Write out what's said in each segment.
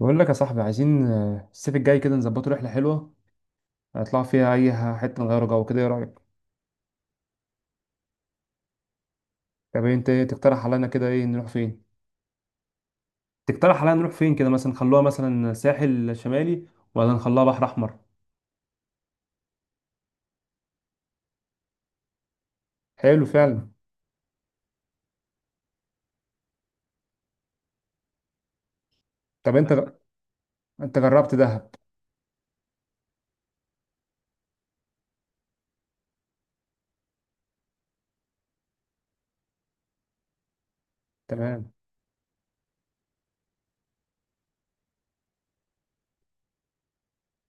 بقول لك يا صاحبي عايزين الصيف الجاي كده نظبطه رحلة حلوة هنطلع فيها حتة نغير جو كده إيه رأيك؟ طب أنت إيه تقترح علينا كده إيه نروح فين؟ تقترح علينا نروح فين كده مثلا نخلوها مثلا ساحل شمالي ولا نخلوها بحر أحمر؟ حلو فعلا. طب أنت ج- أنت جربت دهب؟ تمام.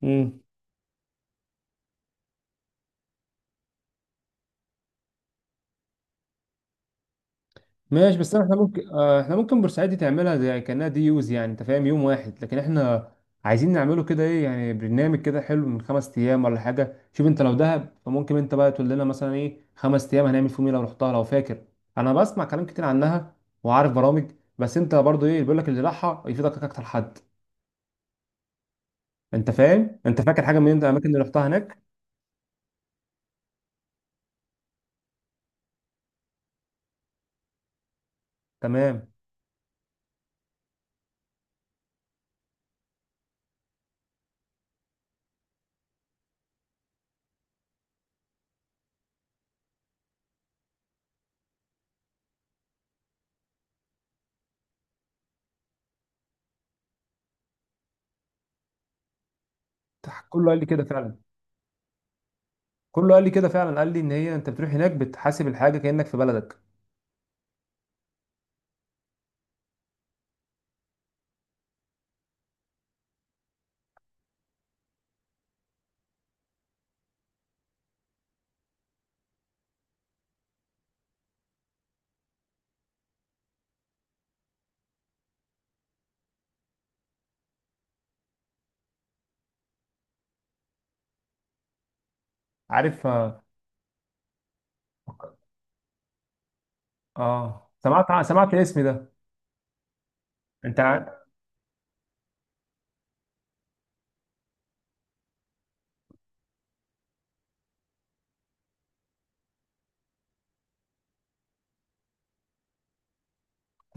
مم. ماشي، بس احنا ممكن، احنا ممكن بورسعيد دي تعملها زي كانها دي يوز، يعني انت فاهم، يوم واحد، لكن احنا عايزين نعمله كده ايه، يعني برنامج كده حلو من خمس ايام ولا حاجه. شوف انت لو دهب فممكن انت بقى تقول لنا مثلا ايه خمس ايام هنعمل فيهم ايه لو رحتها، لو فاكر. انا بسمع كلام كتير عنها وعارف برامج، بس انت برضو ايه، بيقول لك اللي راحها يفيدك اكتر حد. انت فاهم، انت فاكر حاجه من الاماكن اللي رحتها هناك؟ تمام. كله قال لي كده فعلا، كله قال لي كده فعلا. قال لي ان هي انت بتروح هناك بتحاسب الحاجه كانك في بلدك. عارف اه سمعت، سمعت الاسم ده. انت ع-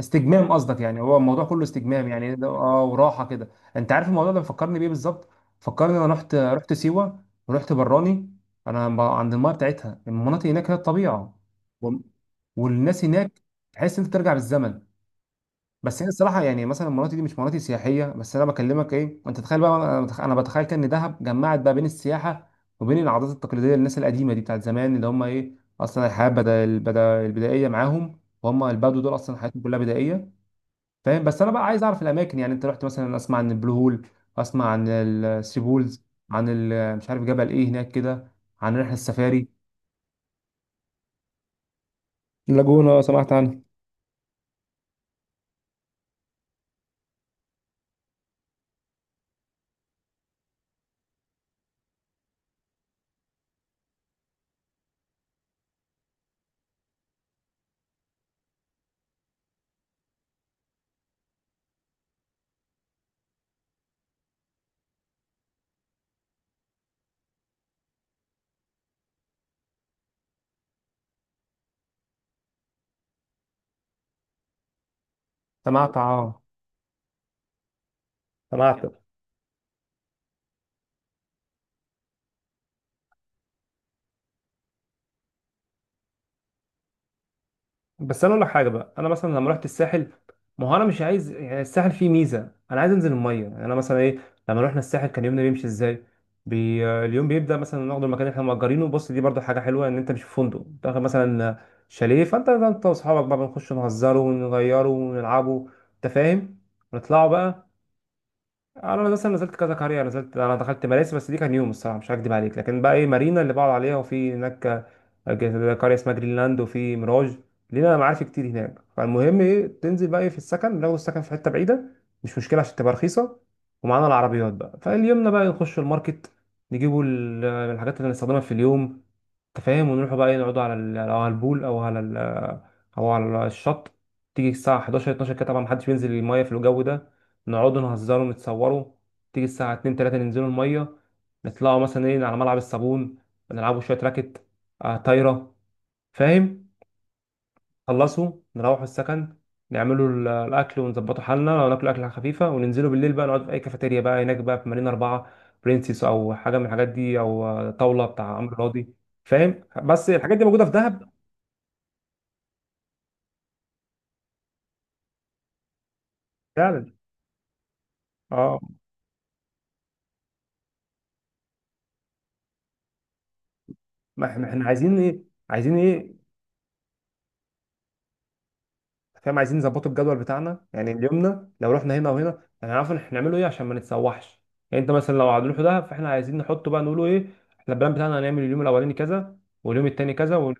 استجمام قصدك، يعني هو الموضوع كله استجمام يعني ده، اه وراحه كده. انت عارف الموضوع ده مفكرني بيه بالظبط، فكرني انا رحت، رحت سيوه ورحت براني. عند الميه بتاعتها المناطق هناك، هي الطبيعه وال- والناس هناك، تحس انت ترجع بالزمن. بس هي الصراحه يعني مثلا مناطق دي مش مناطق سياحيه، بس انا بكلمك ايه، انت تخيل بقى، أنا بتخيل كان دهب جمعت بقى بين السياحه وبين العادات التقليديه للناس القديمه دي بتاعت زمان اللي هم ايه، اصلا الحياه بدا البدا البدائيه معاهم، وهم البدو دول اصلا حياتهم كلها بدائيه، فاهم. بس انا بقى عايز اعرف الاماكن، يعني انت رحت مثلا، اسمع عن البلو هول، اسمع عن الثري بولز، مش عارف جبل ايه هناك كده، عن رحله السفاري. اللاجونه سمعت عنها. سمعت، اه. سمعت. بس انا اقول لك حاجه بقى، انا مثلا لما رحت الساحل، ما هو انا مش عايز، يعني الساحل فيه ميزه، انا عايز انزل الميه، يعني انا مثلا ايه. لما رحنا الساحل كان يومنا بيمشي ازاي؟ اليوم بيبدا مثلا ناخد المكان اللي احنا مأجرينه، بص دي برضو حاجه حلوه ان انت مش في فندق، تاخد مثلا شاليه، فانت واصحابك بقى بنخش نهزره ونغيره ونلعبه، انت فاهم. نطلعوا بقى. انا مثلا نزلت كذا قريه، نزلت انا دخلت مراسي، بس دي كان يوم، الصراحه مش هكدب عليك، لكن بقى ايه مارينا اللي بقعد عليها، وفي هناك قريه اسمها جرينلاند، وفي ميراج، لينا معارف كتير هناك. فالمهم ايه، تنزل بقى ايه في السكن، لو السكن في حته بعيده مش مشكله عشان تبقى رخيصه، ومعانا العربيات بقى. فاليومنا بقى نخش الماركت، نجيبوا الحاجات اللي هنستخدمها في اليوم، انت فاهم. ونروحوا بقى ايه، نقعدوا على أو على البول او على او على الشط. تيجي الساعه 11 12 كده، طبعا محدش بينزل المايه في الجو ده، نقعدوا نهزروا نتصوروا. تيجي الساعة 2 3 ننزلوا المية، نطلعوا مثلا ايه على ملعب الصابون، نلعبوا شوية راكت، آه طايرة، فاهم. خلصوا نروحوا السكن، نعملوا الأكل ونظبطوا حالنا، لو ناكلوا أكلة خفيفة وننزلوا بالليل بقى نقعد في أي كافيتيريا بقى هناك بقى، في مارينا أربعة، برنسيس، أو حاجة من الحاجات دي، أو طاولة بتاع عمرو راضي، فاهم. بس الحاجات دي موجودة في دهب فعلا. اه، ما احنا عايزين ايه، عايزين ايه، فاهم. عايزين نظبطه الجدول بتاعنا، يعني اليومنا لو رحنا هنا وهنا يعني هنعرف إن احنا هنعمله ايه عشان ما نتسوحش. يعني انت مثلا لو هنروح دهب، فاحنا عايزين نحطه بقى نقوله ايه، احنا البلان بتاعنا هنعمل اليوم الاولاني كذا، واليوم التاني كذا، واليوم.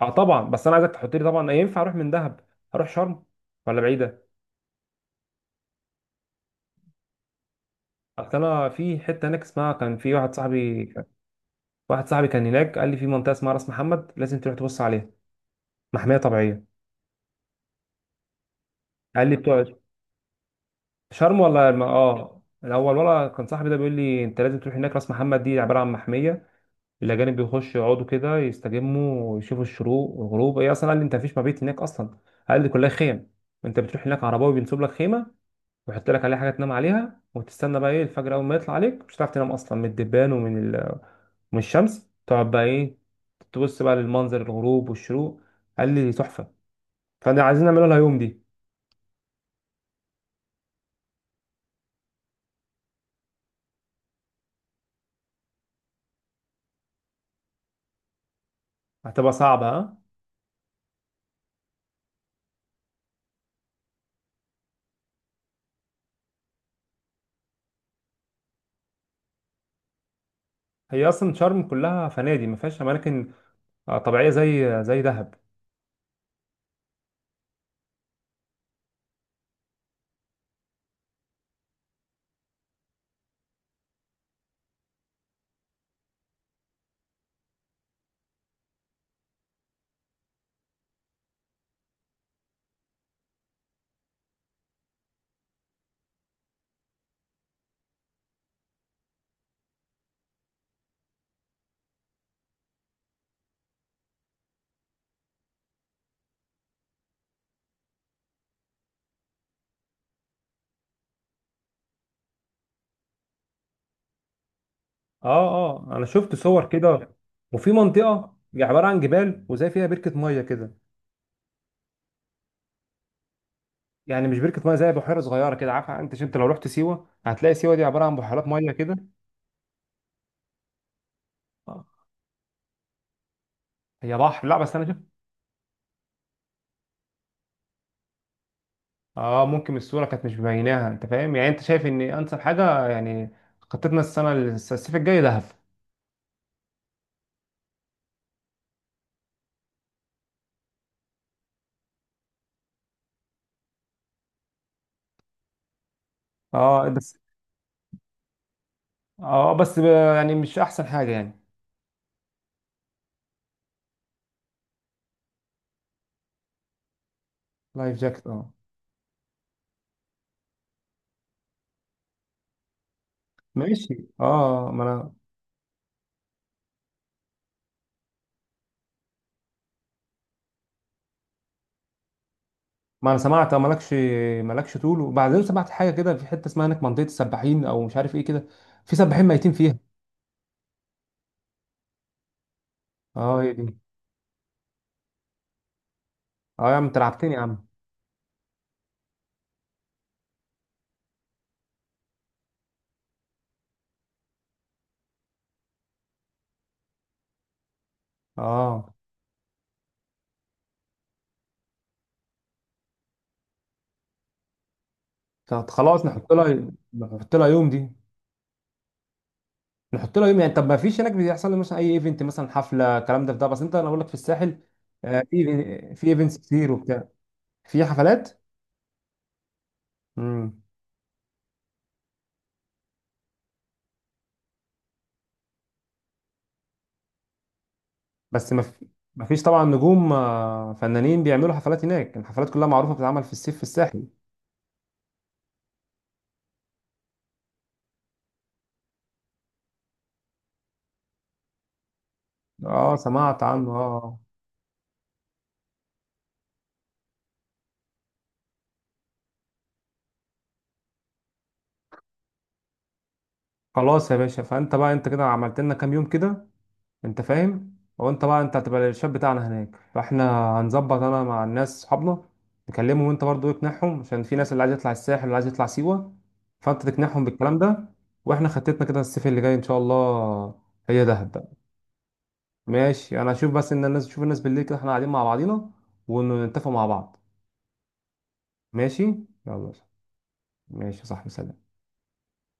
اه طبعا، بس انا عايزك تحط لي، طبعا ينفع اروح من دهب اروح شرم ولا بعيده؟ اصل انا في حته هناك اسمها، كان في واحد صاحبي، واحد صاحبي كان هناك قال لي في منطقه اسمها راس محمد، لازم تروح تبص عليها، محميه طبيعيه. قال لي بتوع شرم ولا الم... اه الاول، ولا كان صاحبي ده بيقول لي انت لازم تروح هناك، راس محمد دي عباره عن محميه، الأجانب بيخشوا يقعدوا كده يستجموا ويشوفوا الشروق والغروب. هي أصلا قال لي أنت مفيش مبيت هناك أصلا، قال لي كلها خيم، أنت بتروح هناك عرباوي بينصب لك خيمة ويحط لك عليها حاجة تنام عليها، وتستنى بقى إيه الفجر، أول ما يطلع عليك مش هتعرف تنام أصلا من الدبان ومن ومن الشمس، تقعد بقى إيه تبص بقى للمنظر، الغروب والشروق، قال لي تحفة. فأنا عايزين نعملها لها يوم دي. هتبقى صعبة ها. هي أصلا شرم كلها فنادق ما فيهاش أماكن طبيعية زي دهب. اه اه انا شفت صور كده، وفي منطقه عباره عن جبال وزي فيها بركه ميه كده، يعني مش بركه ميه، زي بحيره صغيره كده، عارفه انت، لو رحت سيوه هتلاقي سيوه دي عباره عن بحيرات ميه كده. آه، هي بحر، لا بس انا شفت. اه ممكن الصوره كانت مش مبيناها، انت فاهم. يعني انت شايف ان انسب حاجه يعني خطتنا السنه الصيف الجاي دهب؟ اه بس. اه بس ب- يعني مش احسن حاجه يعني. لايف جاكت، اه. ماشي اه، ما انا سمعت، اه مالكش، مالكش طول. وبعدين سمعت حاجه كده في حته اسمها هناك، منطقه السباحين او مش عارف ايه كده، في سباحين ميتين فيها. اه هي دي. اه يا عم انت لعبتني يا عم. اه طب خلاص نحط لها، نحط لها يوم دي، نحط لها يوم، يعني طب ما فيش هناك بيحصل لي مثلا اي ايفنت، مثلا حفله، الكلام ده، في ده بس، انت انا اقول لك في الساحل في في ايفنتس كتير وبتاع. في حفلات. امم. بس ما في، ما فيش طبعا نجوم فنانين بيعملوا حفلات هناك، الحفلات كلها معروفه بتتعمل في الصيف في الساحل. اه سمعت عنه، اه. خلاص يا باشا، فانت بقى انت كده عملت لنا كام يوم كده، انت فاهم، وانت بقى انت هتبقى الشاب بتاعنا هناك. فاحنا هنظبط انا مع الناس صحابنا نكلمهم، وانت برضو اقنعهم، عشان في ناس اللي عايز يطلع الساحل واللي عايز يطلع سيوة، فانت تقنعهم بالكلام ده. واحنا خطتنا كده الصيف اللي جاي ان شاء الله هي دهب بقى. ماشي، انا هشوف، بس ان الناس تشوف، الناس بالليل كده احنا قاعدين مع بعضينا ونتفق مع بعض. ماشي، يلا. ماشي يا صاحبي، سلام.